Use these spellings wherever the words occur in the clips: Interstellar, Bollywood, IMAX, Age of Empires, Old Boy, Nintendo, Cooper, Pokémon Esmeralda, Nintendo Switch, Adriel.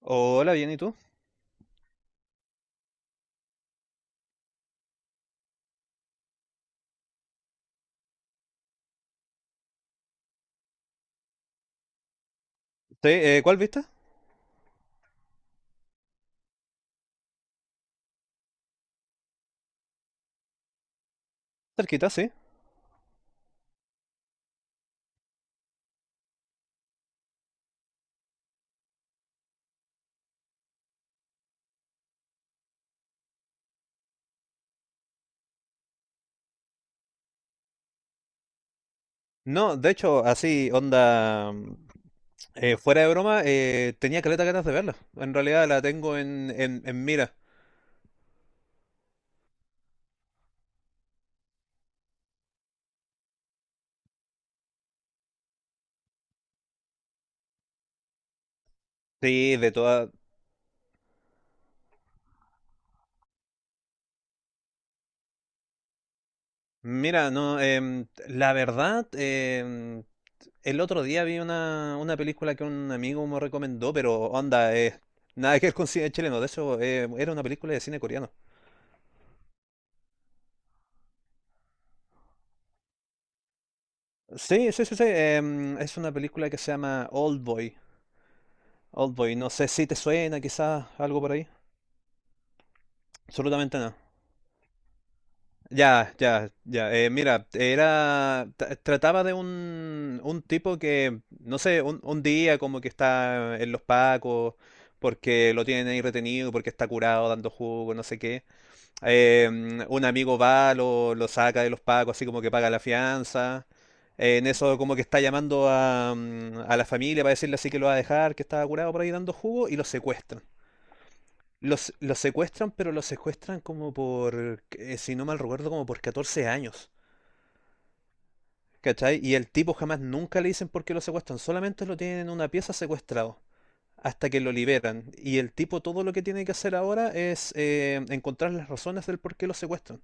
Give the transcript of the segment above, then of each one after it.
Hola, bien, ¿y tú? Sí, ¿cuál viste? Cerquita, sí. No, de hecho, así, onda, fuera de broma, tenía caleta ganas de verla. En realidad la tengo en mira. Sí, de todas. Mira, no, la verdad, el otro día vi una película que un amigo me recomendó, pero onda, nada que ver con cine chileno. De hecho, era una película de cine coreano. Sí, sí, sí, sí. Es una película que se llama Old Boy. Old Boy, no sé si te suena, quizás algo por ahí. Absolutamente no. Ya, ya, ya. Mira, Trataba de un tipo que, no sé, un día como que está en los pacos, porque lo tienen ahí retenido, porque está curado dando jugo, no sé qué. Eh, un amigo va, lo saca de los pacos, así como que paga la fianza. En eso, como que está llamando a, a la familia para decirle así que lo va a dejar, que estaba curado por ahí dando jugo, y lo secuestran. Los secuestran, pero los secuestran como por, si no mal recuerdo, como por 14 años. ¿Cachai? Y el tipo jamás nunca le dicen por qué lo secuestran, solamente lo tienen en una pieza secuestrado hasta que lo liberan. Y el tipo todo lo que tiene que hacer ahora es encontrar las razones del por qué lo secuestran.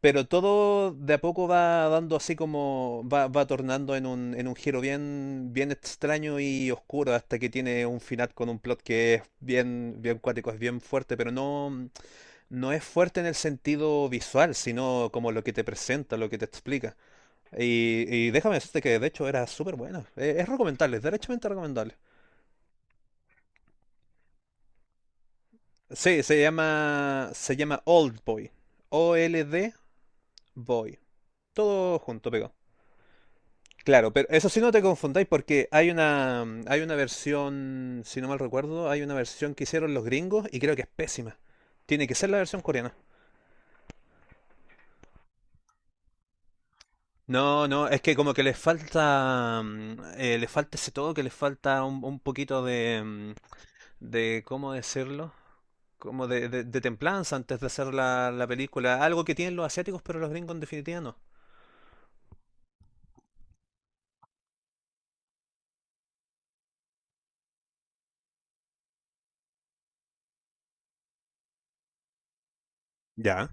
Pero todo de a poco va dando así como, va tornando en en un giro bien, bien extraño y oscuro hasta que tiene un final con un plot que es bien, bien cuático, es bien fuerte, pero no, no es fuerte en el sentido visual, sino como lo que te presenta, lo que te explica. Y déjame decirte que de hecho era súper buena. Es recomendable, es derechamente recomendable. Sí, se llama Old Boy. OLD Boy. Todo junto, pegado. Claro, pero eso sí no te confundáis porque hay una versión, si no mal recuerdo, hay una versión que hicieron los gringos y creo que es pésima. Tiene que ser la versión coreana. No, no, es que como que les falta, les falta ese todo, que les falta un poquito de, de, ¿cómo decirlo? Como de, de templanza antes de hacer la, la película. Algo que tienen los asiáticos, pero los gringos en definitiva no. Ya.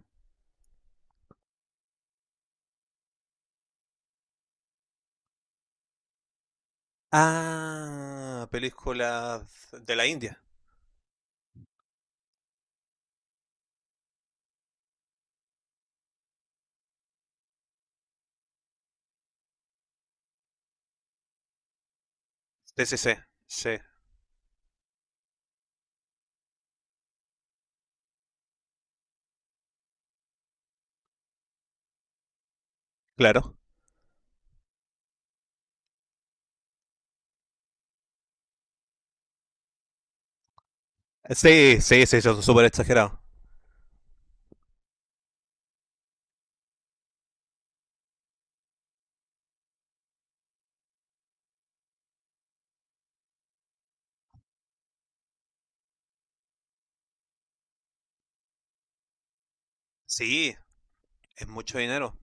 Ah, películas de la India. Sí, sí, sí, sí. Claro. Sí, sí, sí, eso es súper exagerado. Sí, es mucho dinero.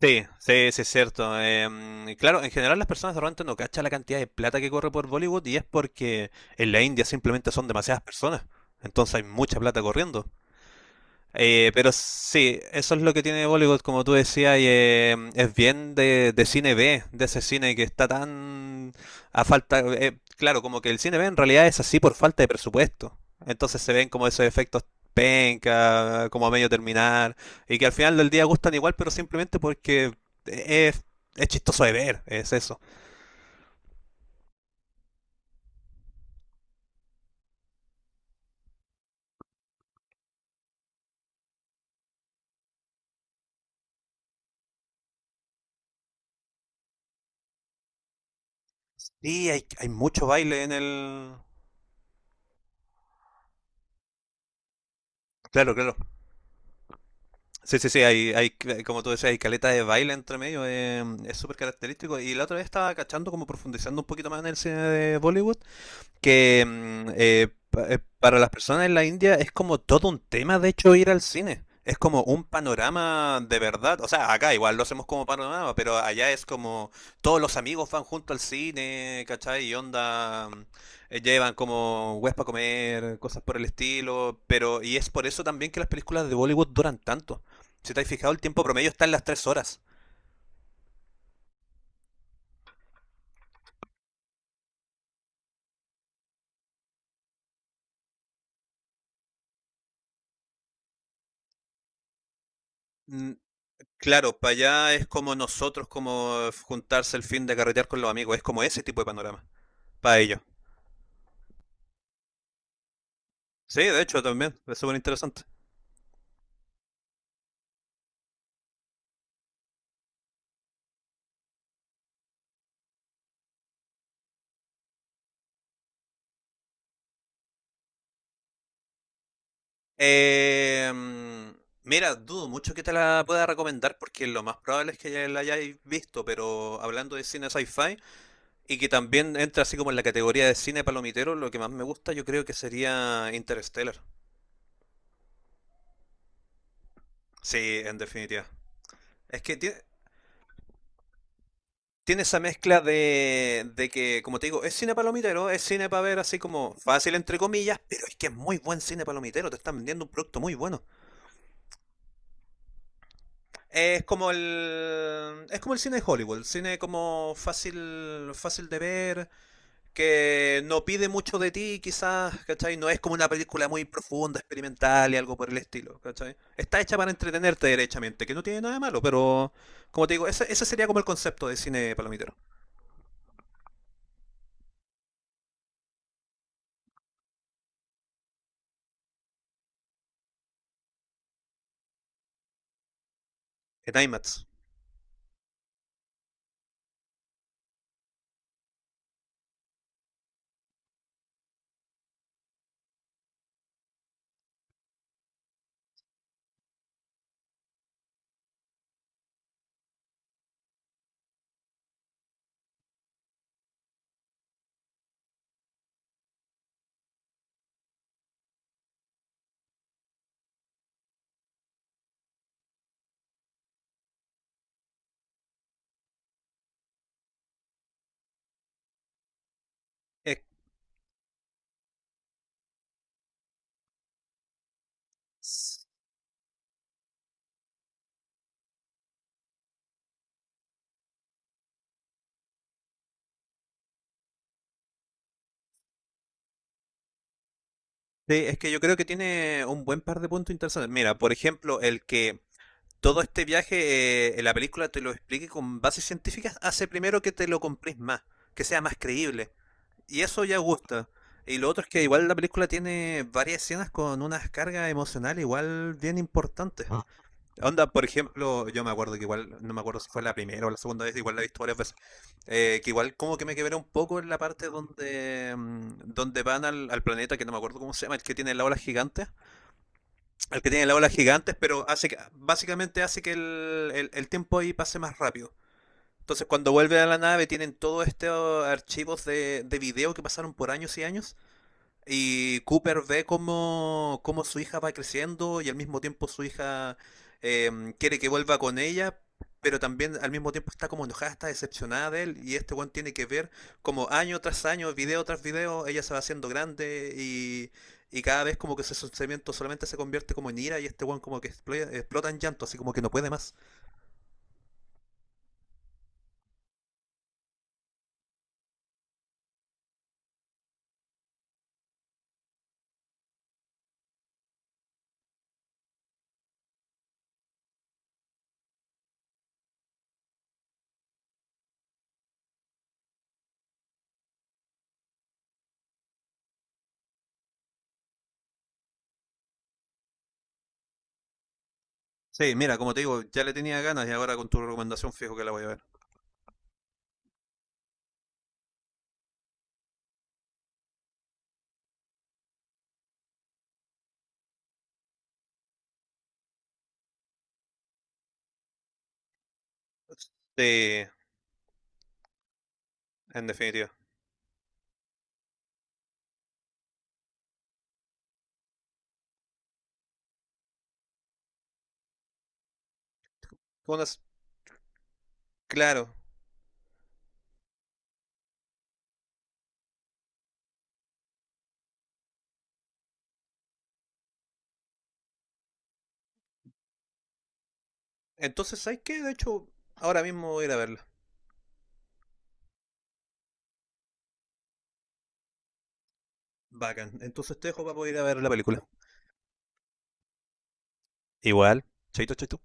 Sí, sí, sí, es cierto. Claro, en general las personas de repente no cachan la cantidad de plata que corre por Bollywood y es porque en la India simplemente son demasiadas personas. Entonces hay mucha plata corriendo. Pero sí, eso es lo que tiene Bollywood, como tú decías, y es bien de cine B, de ese cine que está tan a falta... claro, como que el cine B en realidad es así por falta de presupuesto. Entonces se ven como esos efectos penca, como a medio terminar, y que al final del día gustan igual, pero simplemente porque es, es chistoso de ver, es eso. Y hay mucho baile en el... Claro, claro. Sí, sí, sí, hay, como tú decías, hay caleta de baile entre medio, es súper característico. Y la otra vez estaba cachando, como profundizando un poquito más en el cine de Bollywood, que para las personas en la India es como todo un tema, de hecho, ir al cine. Es como un panorama de verdad. O sea, acá igual lo hacemos como panorama, pero allá es como todos los amigos van junto al cine, ¿cachai? Y onda, llevan como huespa para comer, cosas por el estilo. Pero, y es por eso también que las películas de Bollywood duran tanto. Si te has fijado, el tiempo promedio está en las 3 horas. Mm, Claro, para allá es como nosotros, como juntarse el fin de carretear con los amigos, es como ese tipo de panorama. Para ellos. Sí, de hecho, también. Es súper interesante. Eh, mira, dudo mucho que te la pueda recomendar porque lo más probable es que ya la hayáis visto, pero hablando de cine sci-fi y que también entra así como en la categoría de cine palomitero, lo que más me gusta yo creo que sería Interstellar. Sí, en definitiva. Es que tiene, tiene esa mezcla de que, como te digo, es cine palomitero, es cine para ver así como fácil entre comillas, pero es que es muy buen cine palomitero, te están vendiendo un producto muy bueno. Es como el cine de Hollywood, el cine como fácil fácil de ver, que no pide mucho de ti, quizás, ¿cachai? No es como una película muy profunda, experimental y algo por el estilo, ¿cachai? Está hecha para entretenerte derechamente, que no tiene nada de malo, pero como te digo, ese sería como el concepto de cine palomitero, en IMAX. Es- sí, es que yo creo que tiene un buen par de puntos interesantes. Mira, por ejemplo, el que todo este viaje en la película te lo explique con bases científicas, hace primero que te lo compres más, que sea más creíble. Y eso ya gusta. Y lo otro es que igual la película tiene varias escenas con unas cargas emocionales igual bien importantes. Ah. Onda, por ejemplo, yo me acuerdo que igual, no me acuerdo si fue la primera o la segunda vez, igual la he visto varias veces, que igual como que me quebré un poco en la parte donde, donde van al, al planeta, que no me acuerdo cómo se llama, el que tiene la ola gigante al que tiene la ola gigantes, pero hace que, básicamente hace que el tiempo ahí pase más rápido. Entonces cuando vuelven a la nave tienen todos estos archivos de video que pasaron por años y años y Cooper ve cómo, cómo su hija va creciendo y al mismo tiempo su hija quiere que vuelva con ella, pero también al mismo tiempo está como enojada, está decepcionada de él y este one tiene que ver como año tras año, video tras video, ella se va haciendo grande y cada vez como que ese sentimiento solamente se convierte como en ira y este one como que explota en llanto, así como que no puede más. Sí, mira, como te digo, ya le tenía ganas y ahora con tu recomendación fijo que la voy a ver. Sí, en definitiva. Unas- claro. Entonces, ¿sabes qué? De hecho, ahora mismo voy a ir a verla. Bacán. Entonces te dejo para poder ir a ver la película. Igual. Chaito, chaito.